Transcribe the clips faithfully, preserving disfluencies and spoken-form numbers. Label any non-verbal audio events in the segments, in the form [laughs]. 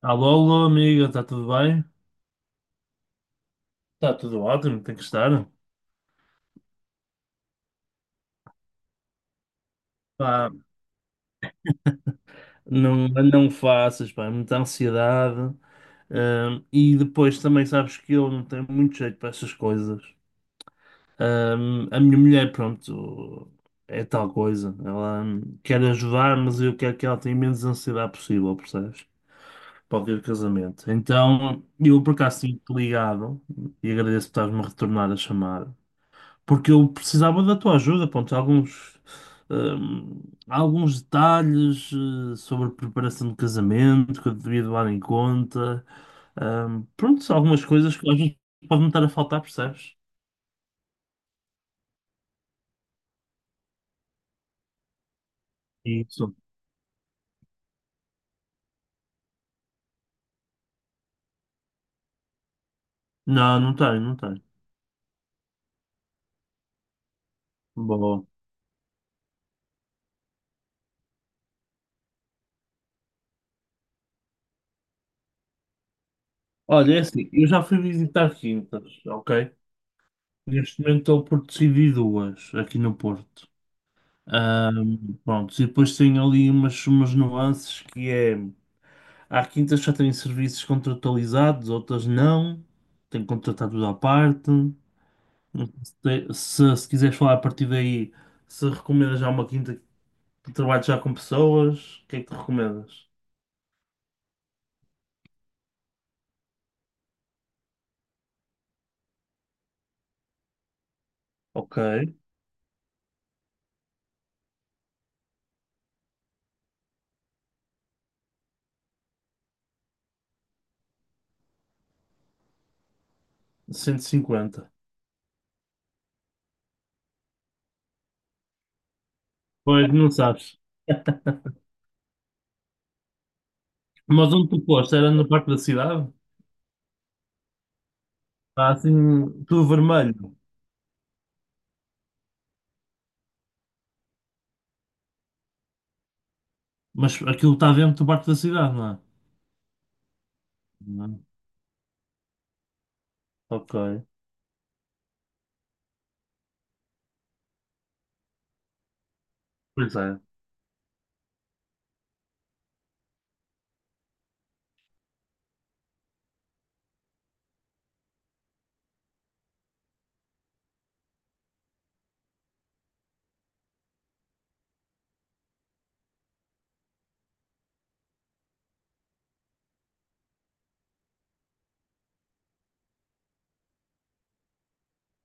Alô, alô, amiga, está tudo bem? Está tudo ótimo, tem que estar. Pá, não, não faças, pá, é muita ansiedade. Ahm, e depois também sabes que eu não tenho muito jeito para essas coisas. Ahm, a minha mulher, pronto, é tal coisa. Ela hum, quer ajudar, mas eu quero que ela tenha menos ansiedade possível, percebes? Para o dia do casamento. Então, eu por acaso tinha ligado e agradeço por estás-me a retornar a chamada, porque eu precisava da tua ajuda, pronto, alguns, hum, alguns detalhes eh, sobre a preparação de casamento que eu devia levar em conta, hum, pronto, algumas coisas que às vezes podem estar a faltar, percebes? Isso. Não, não tenho, não tenho. Bom. Olha, é assim, eu já fui visitar quintas, ok? Neste momento estou por decidir duas aqui no Porto. Ahm, pronto, e depois tem ali umas, umas nuances que é. Há quintas que já têm serviços contratualizados, outras não. Tem que contratar tudo à parte. Se, se, se quiseres falar a partir daí, se recomendas já uma quinta que trabalhe já com pessoas, o que é que tu recomendas? Ok, cento e cinquenta. Pois, não sabes. Mas onde tu posto? Era no parque da cidade? Está assim, tudo vermelho. Mas aquilo está dentro do parque da cidade, não é? Não. Ok. Pois é.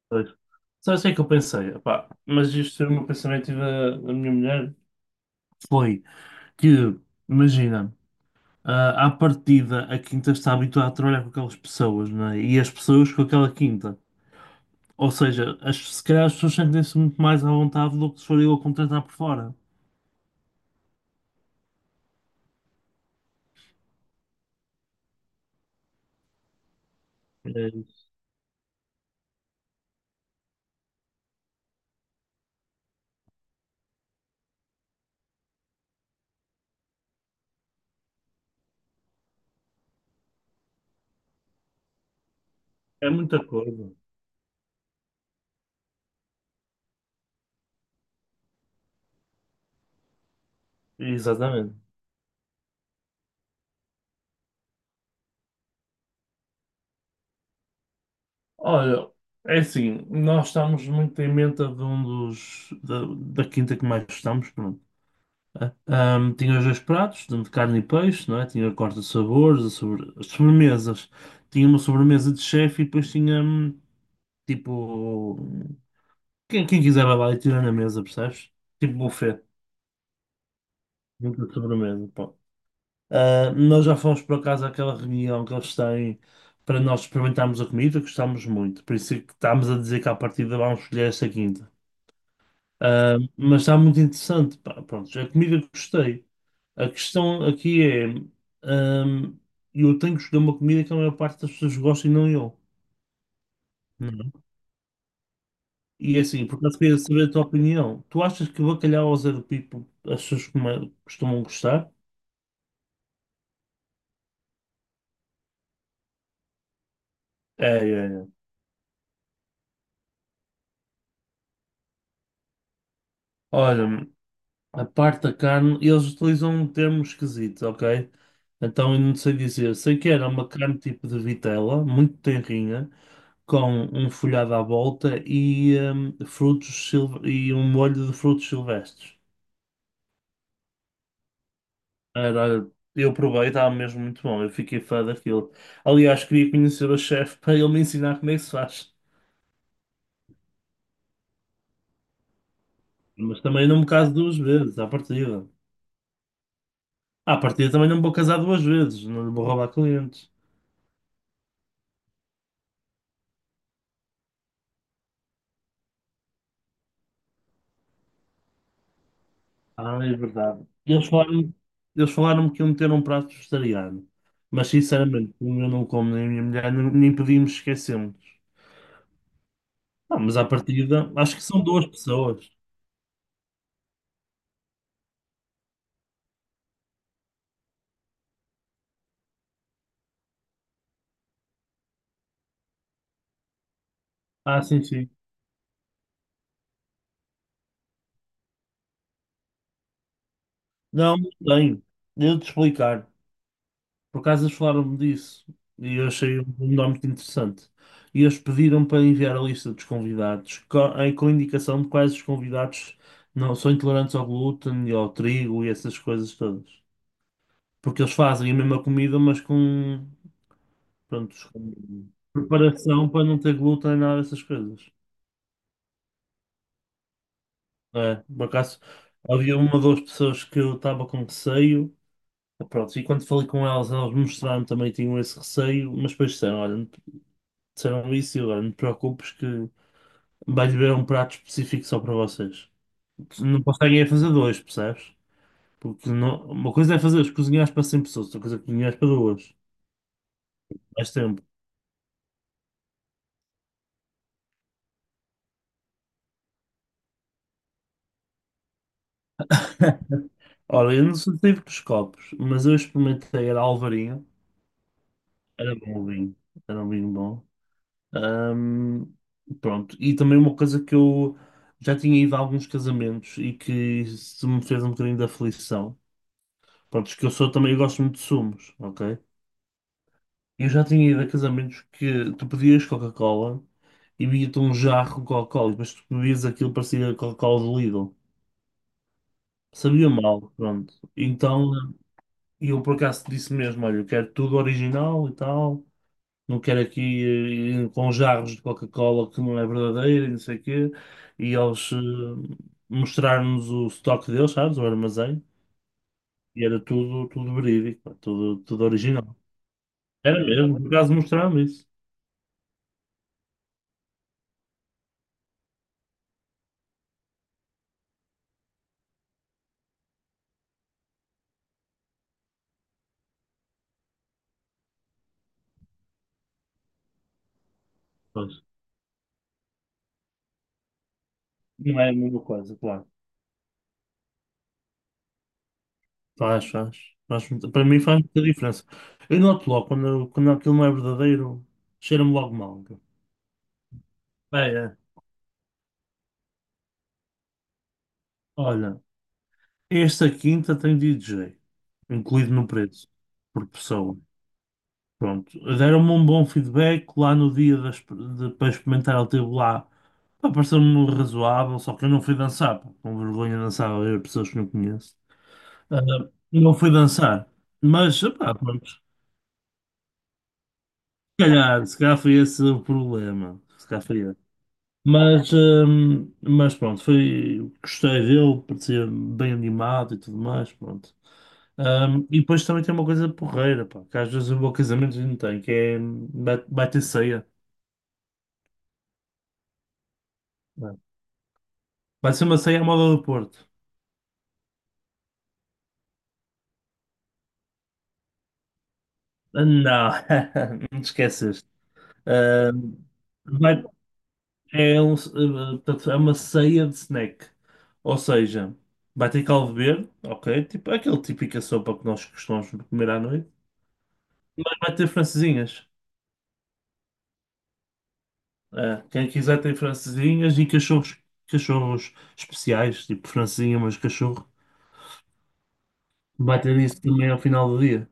Pois. Sabes o que é que eu pensei? Epá, mas isto foi o meu pensamento e da, da minha mulher, foi que, imagina, ah, à partida a quinta está habituada a trabalhar com aquelas pessoas, né? E as pessoas com aquela quinta. Ou seja, as, se calhar as pessoas sentem-se muito mais à vontade do que se for eu a contratar por fora. É isso. É muita coisa. Exatamente. Olha, é assim, nós estamos muito em menta de um dos da, da quinta que mais gostamos, pronto. Ahm, tinha os dois pratos, de carne e peixe, não é? Tinha a corte de sabores, a sobre... as sobremesas. Tinha uma sobremesa de chefe e depois tinha hum, tipo. Quem, quem quiser vai lá e tira na mesa, percebes? Tipo buffet, junto de sobremesa, pá. Ah, nós já fomos por acaso àquela reunião que eles têm para nós experimentarmos a comida, gostámos muito. Por isso é que estamos a dizer que à partida vamos escolher esta quinta. Ah, mas está muito interessante, pá. Pronto, a comida que gostei. A questão aqui é, hum, eu tenho que escolher uma comida que a maior parte das pessoas gosta e não eu. Uhum. E é assim, por acaso queria saber a tua opinião. Tu achas que bacalhau ao Zé do Pipo as pessoas come- costumam gostar? É, é, é. Olha, a parte da carne, eles utilizam um termo esquisito, ok? Então eu não sei dizer. Sei que era uma carne tipo de vitela, muito tenrinha, com um folhado à volta e, hum, frutos silv- e um molho de frutos silvestres. Era, olha, eu provei, estava mesmo muito bom. Eu fiquei fã daquilo. Aliás, queria conhecer o chefe para ele me ensinar como é que se faz. Mas também não me caso duas vezes, à partida. À partida também não me vou casar duas vezes, não lhe vou roubar clientes. Ah, é verdade. Eles falaram, eles falaram-me que iam ter um prato vegetariano. Mas sinceramente, como eu não como nem a minha mulher, nem nem podíamos esquecê. Ah, mas à partida, acho que são duas pessoas. Ah, sim, sim. Não, não tenho. Devo-te explicar. Por acaso eles falaram-me disso e eu achei um nome muito interessante. E eles pediram para enviar a lista dos convidados co- em- com indicação de quais os convidados não são intolerantes ao glúten e ao trigo e essas coisas todas. Porque eles fazem a mesma comida, mas com, pronto, com preparação para não ter glúten e nada dessas coisas. É, por acaso havia uma ou duas pessoas que eu estava com receio. Pronto, e quando falei com elas, elas mostraram também tinham esse receio, mas depois disseram, olha, são isso, agora não te preocupes que vais ver um prato específico só para vocês. Não conseguem é fazer dois, percebes? Porque não- uma coisa é fazer, cozinhares para cem pessoas, outra coisa é cozinhares para duas. Mais tempo. [laughs] Ora, eu não sou tipo dos copos, mas eu experimentei, era Alvarinho, era bom o vinho, era um vinho bom. Ahm, Pronto, e também uma coisa que eu já tinha ido a alguns casamentos e que se me fez um bocadinho de aflição. Pronto, que eu sou também, eu gosto muito de sumos, ok? Eu já tinha ido a casamentos que tu pedias Coca-Cola e vinha-te um jarro de Coca-Cola e depois tu bebias aquilo, parecia Coca-Cola do Lidl. Sabia mal, pronto. Então eu por acaso disse mesmo, olha, eu quero tudo original e tal, não quero aqui eh, eh, com jarros de Coca-Cola que não é verdadeira e não sei o quê. E eles eh, mostraram-nos o estoque deles, sabes, o armazém, e era tudo, tudo verídico, pá, tudo, tudo original. Era mesmo, por acaso mostraram isso. Pois. Não é a mesma coisa, claro. Faz, faz. Faz muito, para mim faz muita diferença. Eu noto logo quando, quando aquilo não é verdadeiro, cheira-me logo mal. É, é. Olha, esta quinta tem D J, incluído no preço, por pessoa. Pronto. Deram-me um bom feedback lá no dia da de- para experimentar, ele teve lá. Pá, pareceu-me razoável, só que eu não fui dançar, pá, com vergonha de dançar a ver pessoas que não conheço. Ah, não fui dançar, mas, pá, pronto. Se calhar, se calhar foi esse o problema. Se calhar foi esse. Mas, hum, mas pronto, foi, gostei dele, parecia bem animado e tudo mais, pronto. Hum, e depois também tem uma coisa porreira, pá, que às vezes o meu casamento não tem, que é, hum, vai, vai ter ceia. Não. Vai ser uma ceia à moda do Porto. Ah, não, [laughs] não te esqueces. Hum, vai, é, um, eh, Portanto, é uma ceia de snack. Ou seja, vai ter caldo verde, ok? Tipo, é aquele típica sopa que nós costumamos comer à noite. Vai ter francesinhas. É, quem quiser tem francesinhas e cachorros, cachorros especiais, tipo francesinha, mas cachorro. Vai ter isso também ao final do dia,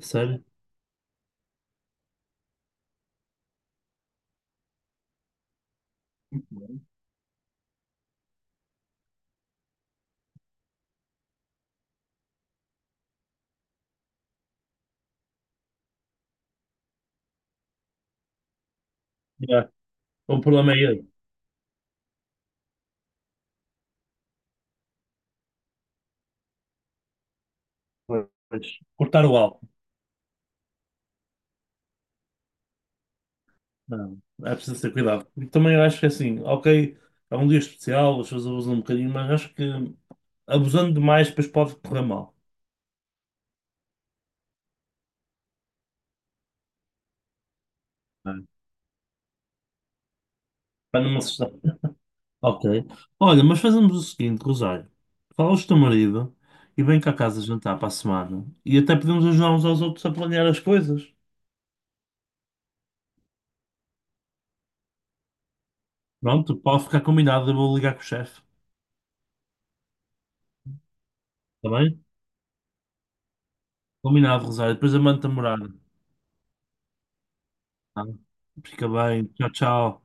sério? Yeah. O problema é ele. Pois. Cortar o álcool. Não, é preciso ter cuidado. E também eu acho que é assim, ok, é um dia especial, as pessoas abusam um bocadinho, mas acho que abusando demais depois pode correr mal. É. Para numa sexta. Ok. Olha, mas fazemos o seguinte, Rosário. Fala ao teu marido e vem cá a casa jantar para a semana. E até podemos ajudar uns aos outros a planear as coisas. Pronto, pode ficar combinado. Eu vou ligar com o chefe. Está bem? Combinado, Rosário. Depois eu mando-te a morada. Tá? Fica bem. Tchau, tchau.